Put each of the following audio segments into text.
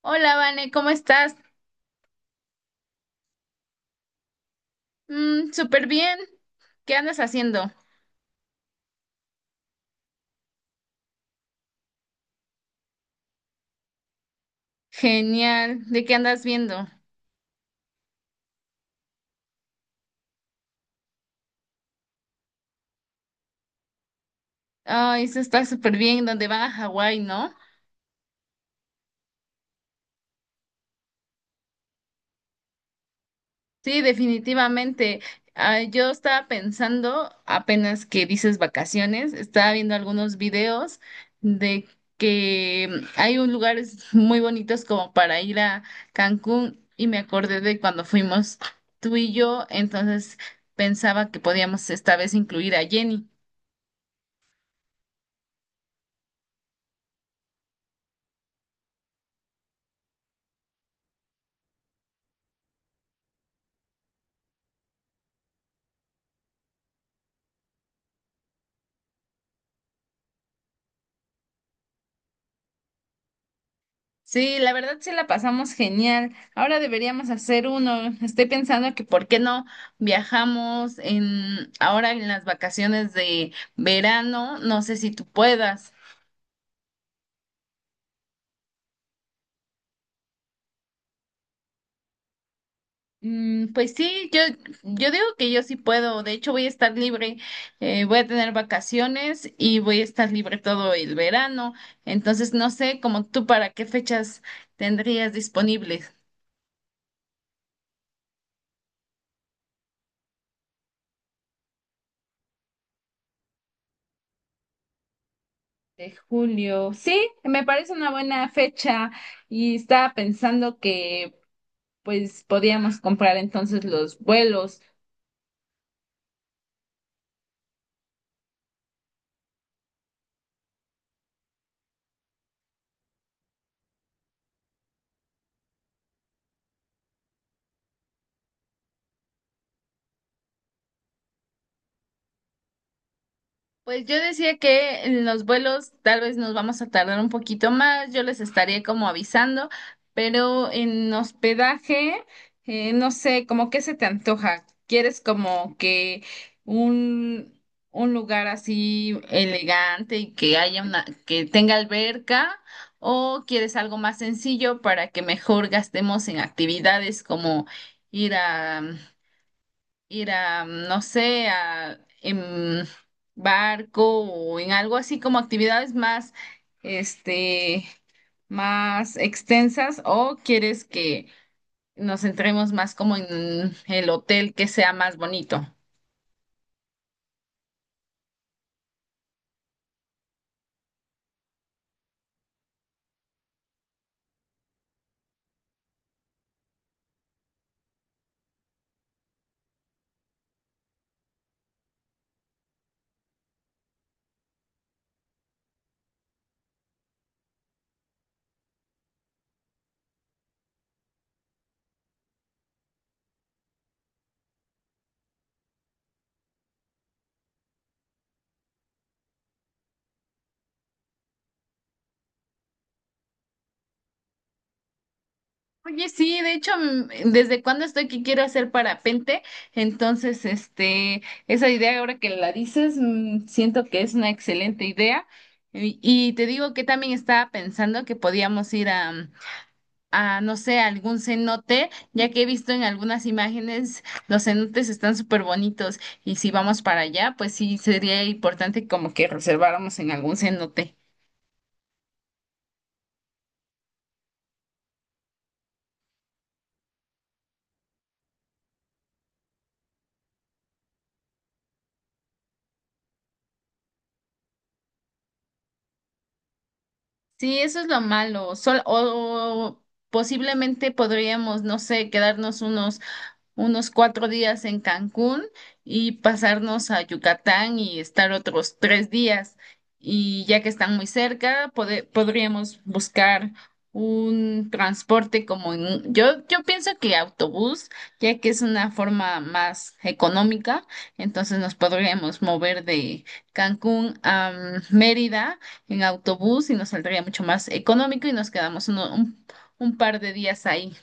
Hola, Vane, ¿cómo estás? Súper bien. ¿Qué andas haciendo? Genial. ¿De qué andas viendo? Ay, eso está súper bien, donde van a Hawái, ¿no? Sí, definitivamente. Ah, yo estaba pensando, apenas que dices vacaciones, estaba viendo algunos videos de que hay un lugares muy bonitos como para ir a Cancún y me acordé de cuando fuimos tú y yo, entonces pensaba que podíamos esta vez incluir a Jenny. Sí, la verdad sí la pasamos genial. Ahora deberíamos hacer uno. Estoy pensando que por qué no viajamos en ahora en las vacaciones de verano. No sé si tú puedas. Mm, pues sí, yo digo que yo sí puedo. De hecho, voy a estar libre. Voy a tener vacaciones y voy a estar libre todo el verano. Entonces, no sé, como tú, ¿para qué fechas tendrías disponibles? De julio. Sí, me parece una buena fecha y estaba pensando que pues podíamos comprar entonces los vuelos. Pues yo decía que en los vuelos tal vez nos vamos a tardar un poquito más, yo les estaría como avisando, pero en hospedaje, no sé, como qué se te antoja. ¿Quieres como que un, un lugar así elegante y que haya una, que tenga alberca? ¿O quieres algo más sencillo para que mejor gastemos en actividades como ir a ir a, no sé, a, en barco o en algo así como actividades más, este, más extensas o quieres que nos centremos más como en el hotel que sea más bonito? Oye, sí, de hecho, desde cuando estoy que quiero hacer parapente, entonces, esa idea ahora que la dices, siento que es una excelente idea. Y te digo que también estaba pensando que podíamos ir a, no sé, a algún cenote, ya que he visto en algunas imágenes los cenotes están súper bonitos y si vamos para allá, pues sí sería importante como que reserváramos en algún cenote. Sí, eso es lo malo. O posiblemente podríamos, no sé, quedarnos unos 4 días en Cancún y pasarnos a Yucatán y estar otros 3 días. Y ya que están muy cerca, podríamos buscar un transporte como yo pienso que autobús, ya que es una forma más económica, entonces nos podríamos mover de Cancún a Mérida en autobús y nos saldría mucho más económico y nos quedamos un par de días ahí.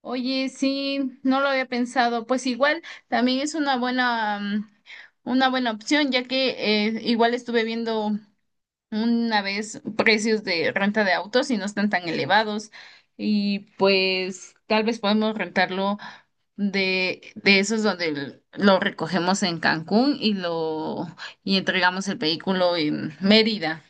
Oye, sí, no lo había pensado. Pues igual también es una buena opción, ya que igual estuve viendo una vez precios de renta de autos y no están tan elevados. Y pues tal vez podemos rentarlo de esos donde lo recogemos en Cancún y lo y entregamos el vehículo en Mérida.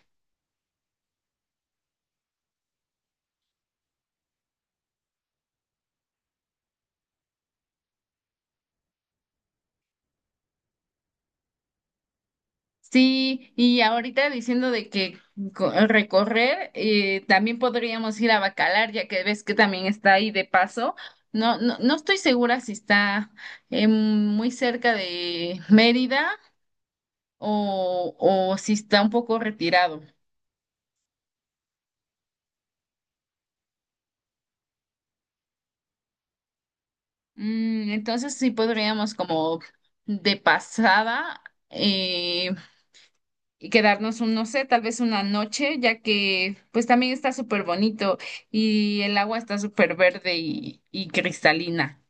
Sí, y ahorita diciendo de que recorrer, también podríamos ir a Bacalar, ya que ves que también está ahí de paso. No, no, no estoy segura si está muy cerca de Mérida o si está un poco retirado. Entonces sí podríamos como de pasada eh, y quedarnos no sé, tal vez una noche, ya que pues también está súper bonito y el agua está súper verde y cristalina.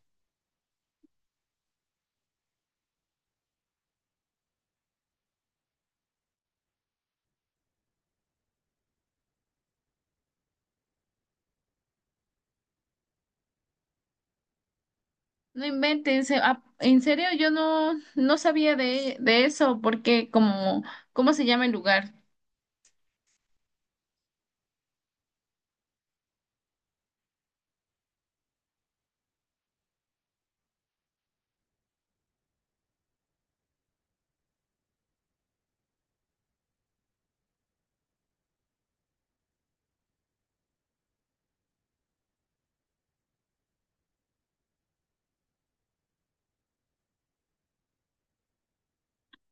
No inventen, ah, en serio, yo no, no sabía de eso, porque como, ¿cómo se llama el lugar?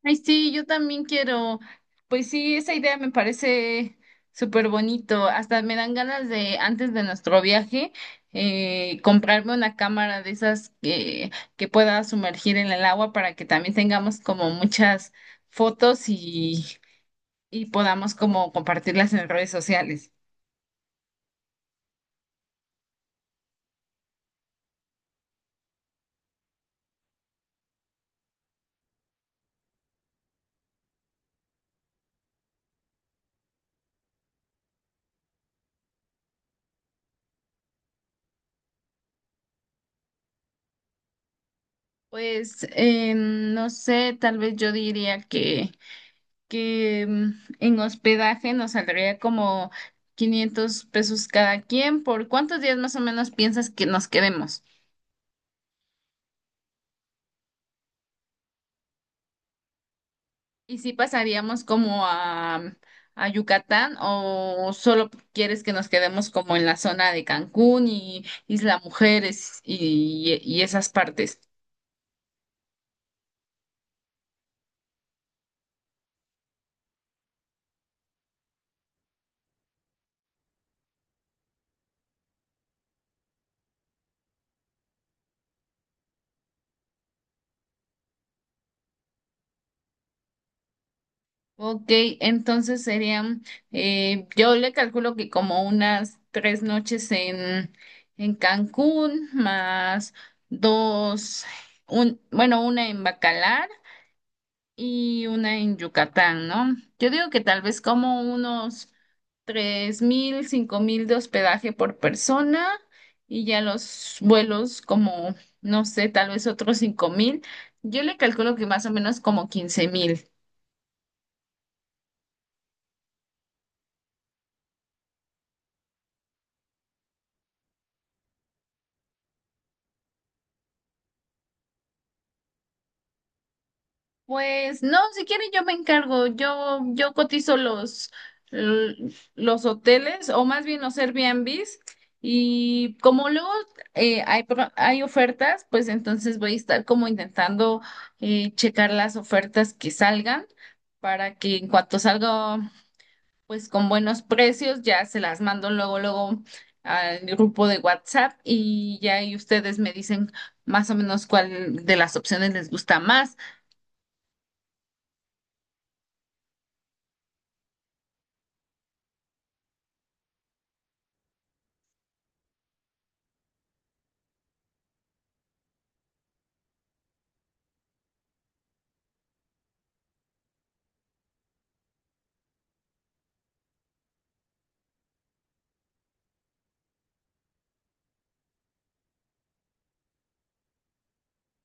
Ay, sí, yo también quiero. Pues sí, esa idea me parece súper bonito. Hasta me dan ganas de, antes de nuestro viaje, comprarme una cámara de esas que pueda sumergir en el agua para que también tengamos como muchas fotos y podamos como compartirlas en redes sociales. Pues no sé, tal vez yo diría que... que en hospedaje nos saldría como 500 pesos cada quien. ¿Por cuántos días más o menos piensas que nos quedemos? ¿Y si pasaríamos como a Yucatán o solo quieres que nos quedemos como en la zona de Cancún y Isla Mujeres y esas partes? Ok, entonces serían, yo le calculo que como unas 3 noches en Cancún, más dos, bueno, una en Bacalar y una en Yucatán, ¿no? Yo digo que tal vez como unos 3.000, 5.000 de hospedaje por persona y ya los vuelos como, no sé, tal vez otros 5.000. Yo le calculo que más o menos como 15.000. Pues no, si quieren yo me encargo, yo cotizo l- los hoteles o más bien los Airbnbs y como luego hay ofertas, pues entonces voy a estar como intentando checar las ofertas que salgan para que en cuanto salga pues con buenos precios ya se las mando luego, luego al grupo de WhatsApp y ya ahí ustedes me dicen más o menos cuál de las opciones les gusta más.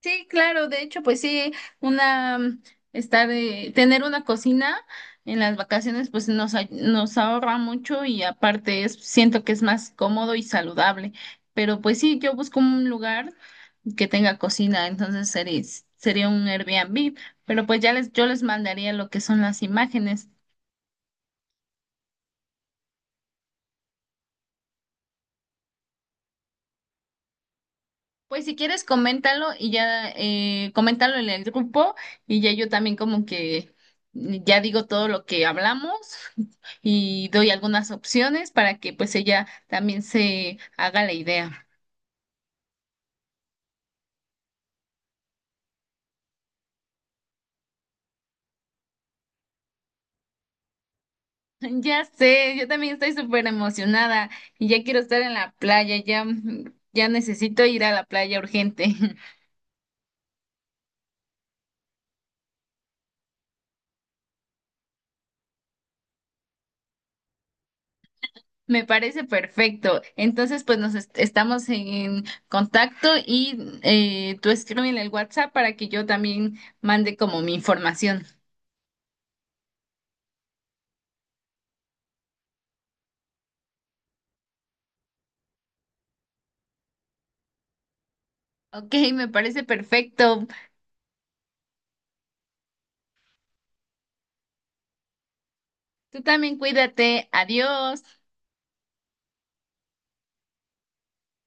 Sí, claro, de hecho, pues sí, una mm, estar tener una cocina en las vacaciones pues nos ahorra mucho y aparte es, siento que es más cómodo y saludable. Pero pues sí, yo busco un lugar que tenga cocina, entonces sería un Airbnb, pero pues ya les yo les mandaría lo que son las imágenes. Pues si quieres, coméntalo y ya, coméntalo en el grupo y ya yo también como que ya digo todo lo que hablamos y doy algunas opciones para que pues ella también se haga la idea. Ya sé, yo también estoy súper emocionada y ya quiero estar en la playa, ya, ya necesito ir a la playa urgente. Me parece perfecto. Entonces, pues nos estamos en contacto y tú escríbeme el WhatsApp para que yo también mande como mi información. Ok, me parece perfecto. Tú también cuídate. Adiós.